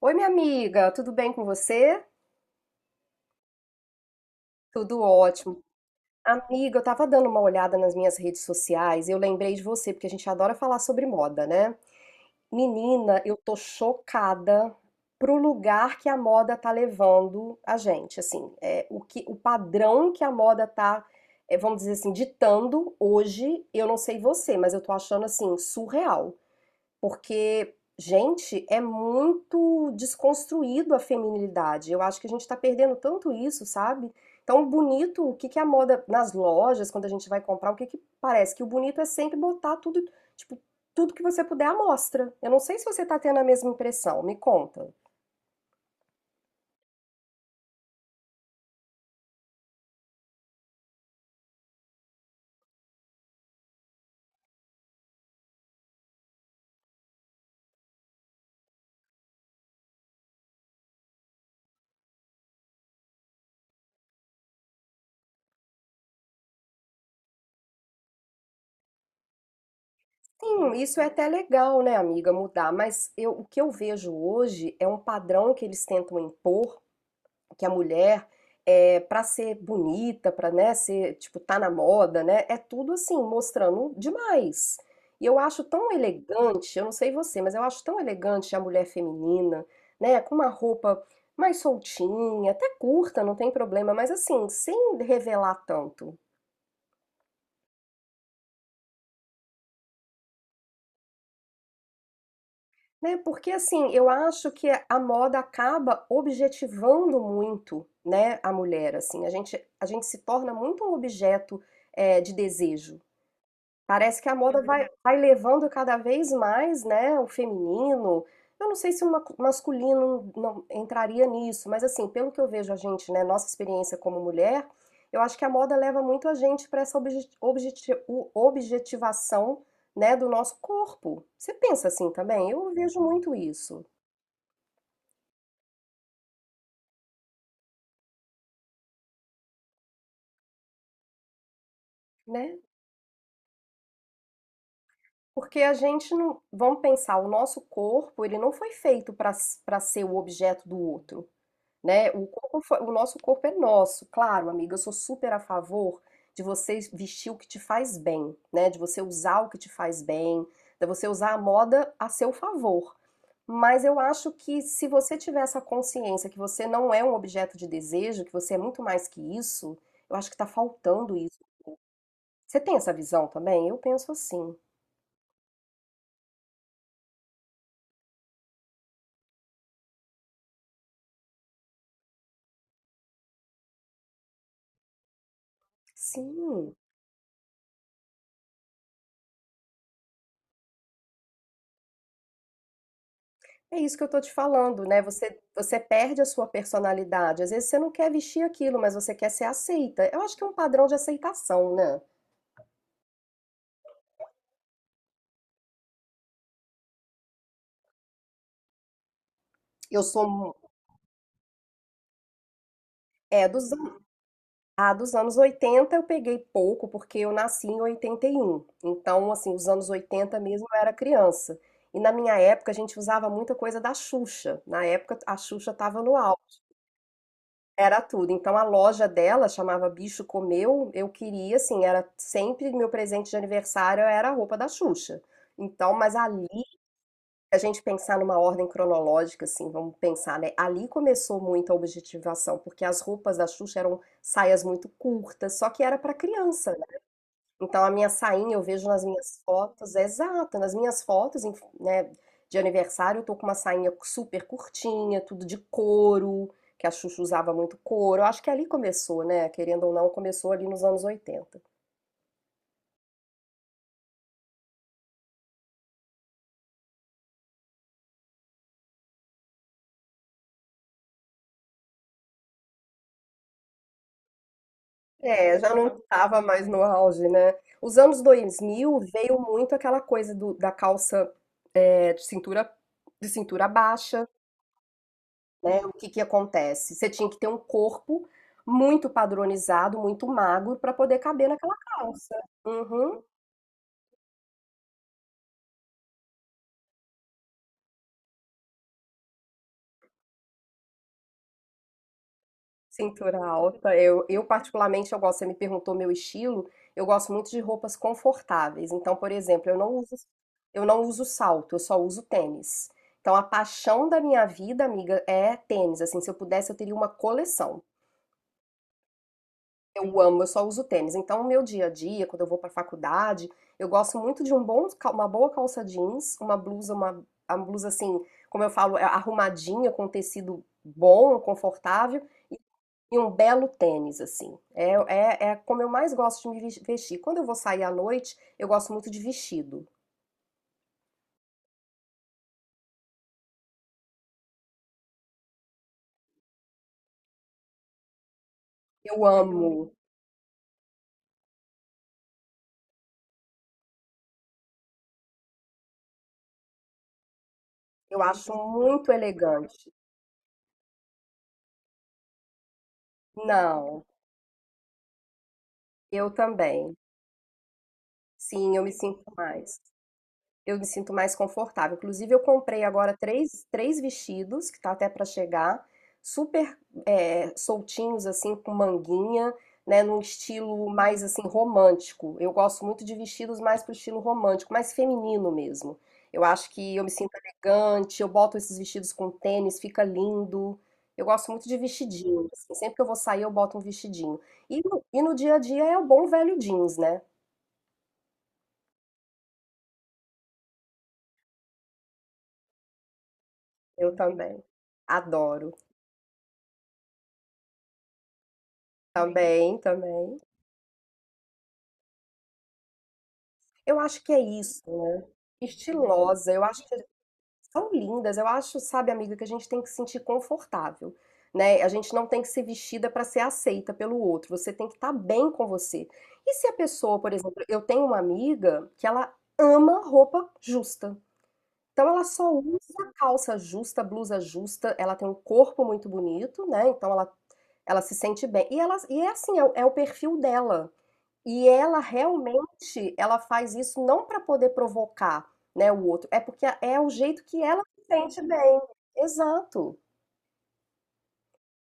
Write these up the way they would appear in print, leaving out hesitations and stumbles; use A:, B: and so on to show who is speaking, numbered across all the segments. A: Oi, minha amiga, tudo bem com você? Tudo ótimo. Amiga, eu tava dando uma olhada nas minhas redes sociais e eu lembrei de você, porque a gente adora falar sobre moda, né? Menina, eu tô chocada pro lugar que a moda tá levando a gente, assim, o que, o padrão que a moda tá, vamos dizer assim, ditando hoje, eu não sei você, mas eu tô achando, assim, surreal. Porque, gente, é muito desconstruído a feminilidade. Eu acho que a gente tá perdendo tanto isso, sabe? Então, bonito, o que que é a moda nas lojas, quando a gente vai comprar, o que que parece que o bonito é sempre botar tudo, tipo, tudo que você puder à mostra. Eu não sei se você tá tendo a mesma impressão, me conta. Sim, isso é até legal, né, amiga, mudar, mas eu, o que eu vejo hoje é um padrão que eles tentam impor que a mulher para ser bonita, para né, ser tipo tá na moda, né? É tudo assim mostrando demais. E eu acho tão elegante, eu não sei você, mas eu acho tão elegante a mulher feminina, né? Com uma roupa mais soltinha, até curta, não tem problema, mas assim sem revelar tanto, né? Porque assim eu acho que a moda acaba objetivando muito, né? A mulher assim, a gente se torna muito um objeto de desejo. Parece que a moda vai, verdade, vai levando cada vez mais, né, o feminino. Eu não sei se o masculino não entraria nisso, mas assim, pelo que eu vejo a gente, né, nossa experiência como mulher, eu acho que a moda leva muito a gente para essa objetivação, né, do nosso corpo. Você pensa assim também? Eu vejo muito isso, né? Porque a gente não, vamos pensar, o nosso corpo, ele não foi feito para ser o objeto do outro, né? O nosso corpo é nosso, claro, amiga. Eu sou super a favor de você vestir o que te faz bem, né? De você usar o que te faz bem, de você usar a moda a seu favor. Mas eu acho que se você tiver essa consciência que você não é um objeto de desejo, que você é muito mais que isso, eu acho que tá faltando isso. Você tem essa visão também? Eu penso assim. Sim. É isso que eu tô te falando, né? Você perde a sua personalidade. Às vezes você não quer vestir aquilo, mas você quer ser aceita. Eu acho que é um padrão de aceitação, né? Eu sou, mu- é, dos, an- ah, dos anos 80 eu peguei pouco, porque eu nasci em 81. Então, assim, os anos 80 mesmo eu era criança. E na minha época a gente usava muita coisa da Xuxa. Na época a Xuxa tava no auge. Era tudo. Então a loja dela chamava Bicho Comeu. Eu queria, assim, era sempre meu presente de aniversário era a roupa da Xuxa. Então, mas ali, a gente pensar numa ordem cronológica, assim, vamos pensar, né? Ali começou muito a objetivação, porque as roupas da Xuxa eram saias muito curtas, só que era para criança, então a minha sainha eu vejo nas minhas fotos, é exato, nas minhas fotos, né, de aniversário eu tô com uma sainha super curtinha, tudo de couro, que a Xuxa usava muito couro. Eu acho que ali começou, né? Querendo ou não, começou ali nos anos 80. É, já não estava mais no auge, né? Os anos 2000 veio muito aquela coisa da calça de cintura baixa, né, o que que acontece? Você tinha que ter um corpo muito padronizado, muito magro para poder caber naquela calça. Uhum. Cintura alta. Eu particularmente eu gosto, você me perguntou meu estilo, eu gosto muito de roupas confortáveis. Então, por exemplo, eu não uso salto, eu só uso tênis. Então, a paixão da minha vida, amiga, é tênis. Assim, se eu pudesse, eu teria uma coleção. Eu amo, eu só uso tênis. Então, o meu dia a dia, quando eu vou para faculdade, eu gosto muito de um bom, uma boa calça jeans, uma blusa, a blusa assim, como eu falo, é arrumadinha, com um tecido bom, confortável, e um belo tênis, assim. É como eu mais gosto de vestir. Quando eu vou sair à noite, eu gosto muito de vestido. Eu amo, eu acho muito elegante. Não, eu também. Sim, eu me sinto mais. Eu me sinto mais confortável. Inclusive, eu comprei agora três vestidos, que tá até para chegar, super soltinhos, assim, com manguinha, né, num estilo mais, assim, romântico. Eu gosto muito de vestidos mais pro estilo romântico, mais feminino mesmo. Eu acho que eu me sinto elegante, eu boto esses vestidos com tênis, fica lindo. Eu gosto muito de vestidinho, assim, sempre que eu vou sair eu boto um vestidinho. E no dia a dia é o bom velho jeans, né? Eu também adoro. Também, também. Eu acho que é isso, estilosa, eu acho que são lindas, eu acho, sabe, amiga, que a gente tem que se sentir confortável, né? A gente não tem que ser vestida para ser aceita pelo outro, você tem que estar bem com você. E se a pessoa, por exemplo, eu tenho uma amiga que ela ama roupa justa. Então ela só usa calça justa, blusa justa, ela tem um corpo muito bonito, né? Então ela se sente bem. E é assim, é o perfil dela. E ela realmente, ela faz isso não para poder provocar, né, o outro, é porque é o jeito que ela se sente bem. Exato,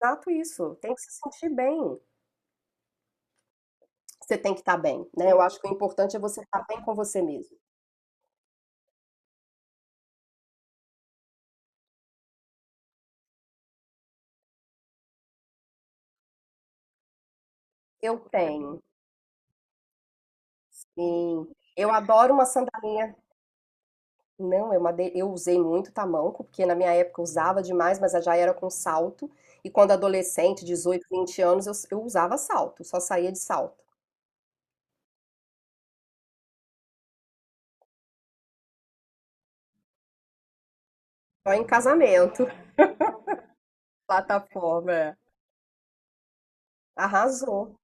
A: exato isso. Tem que se sentir bem. Você tem que estar bem, né? Eu acho que o importante é você estar bem com você mesmo. Eu tenho, sim. Eu adoro uma sandalinha. Não, eu usei muito tamanco, porque na minha época eu usava demais, mas já era com salto. E quando adolescente, 18, 20 anos, eu usava salto, só saía de salto. Só em casamento. Plataforma, é. Arrasou.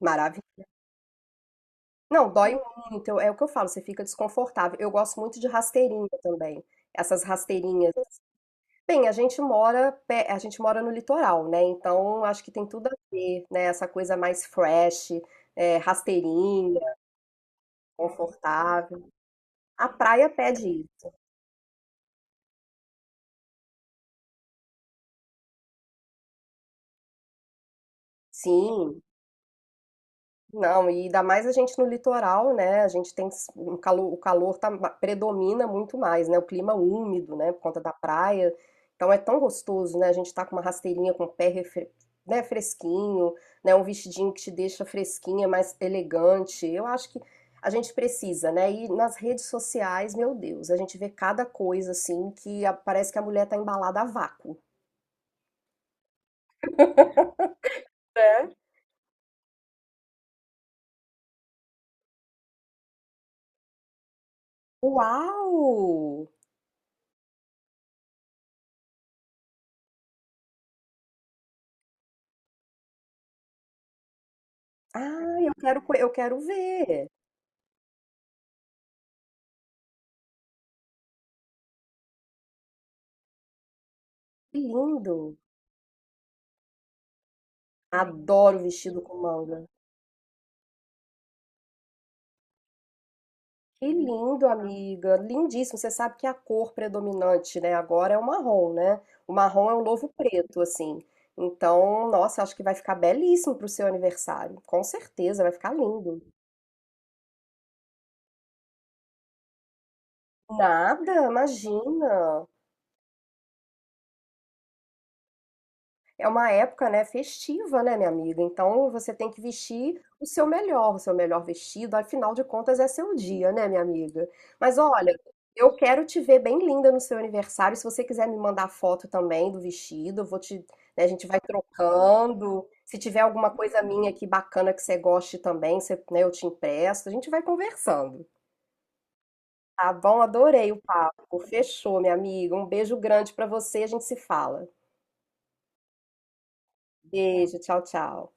A: Maravilha. Não, dói muito. É o que eu falo, você fica desconfortável. Eu gosto muito de rasteirinha também. Essas rasteirinhas. Bem, a gente mora, a gente mora no litoral, né? Então acho que tem tudo a ver, né? Essa coisa mais fresh, rasteirinha, confortável. A praia pede isso. Sim. Não, e ainda mais a gente no litoral, né? A gente tem um calor, o calor tá, predomina muito mais, né? O clima úmido, né? Por conta da praia. Então é tão gostoso, né? A gente tá com uma rasteirinha com o pé né, fresquinho, né? Um vestidinho que te deixa fresquinha, mais elegante. Eu acho que a gente precisa, né? E nas redes sociais, meu Deus, a gente vê cada coisa assim que parece que a mulher tá embalada a vácuo. É. Uau! Ah, eu quero, eu quero ver. Que lindo! Adoro vestido com manga. Que lindo, amiga. Lindíssimo. Você sabe que a cor predominante, né, agora é o marrom, né? O marrom é o novo preto, assim. Então, nossa, acho que vai ficar belíssimo pro seu aniversário. Com certeza, vai ficar lindo. Nada, imagina. É uma época, né, festiva, né, minha amiga? Então você tem que vestir o seu melhor vestido, afinal de contas é seu dia, né, minha amiga? Mas olha, eu quero te ver bem linda no seu aniversário. Se você quiser me mandar foto também do vestido, eu vou te, né, a gente vai trocando. Se tiver alguma coisa minha aqui bacana que você goste também, você, né, eu te empresto. A gente vai conversando. Tá bom? Adorei o papo. Fechou, minha amiga. Um beijo grande pra você. A gente se fala. Beijo, tchau, tchau.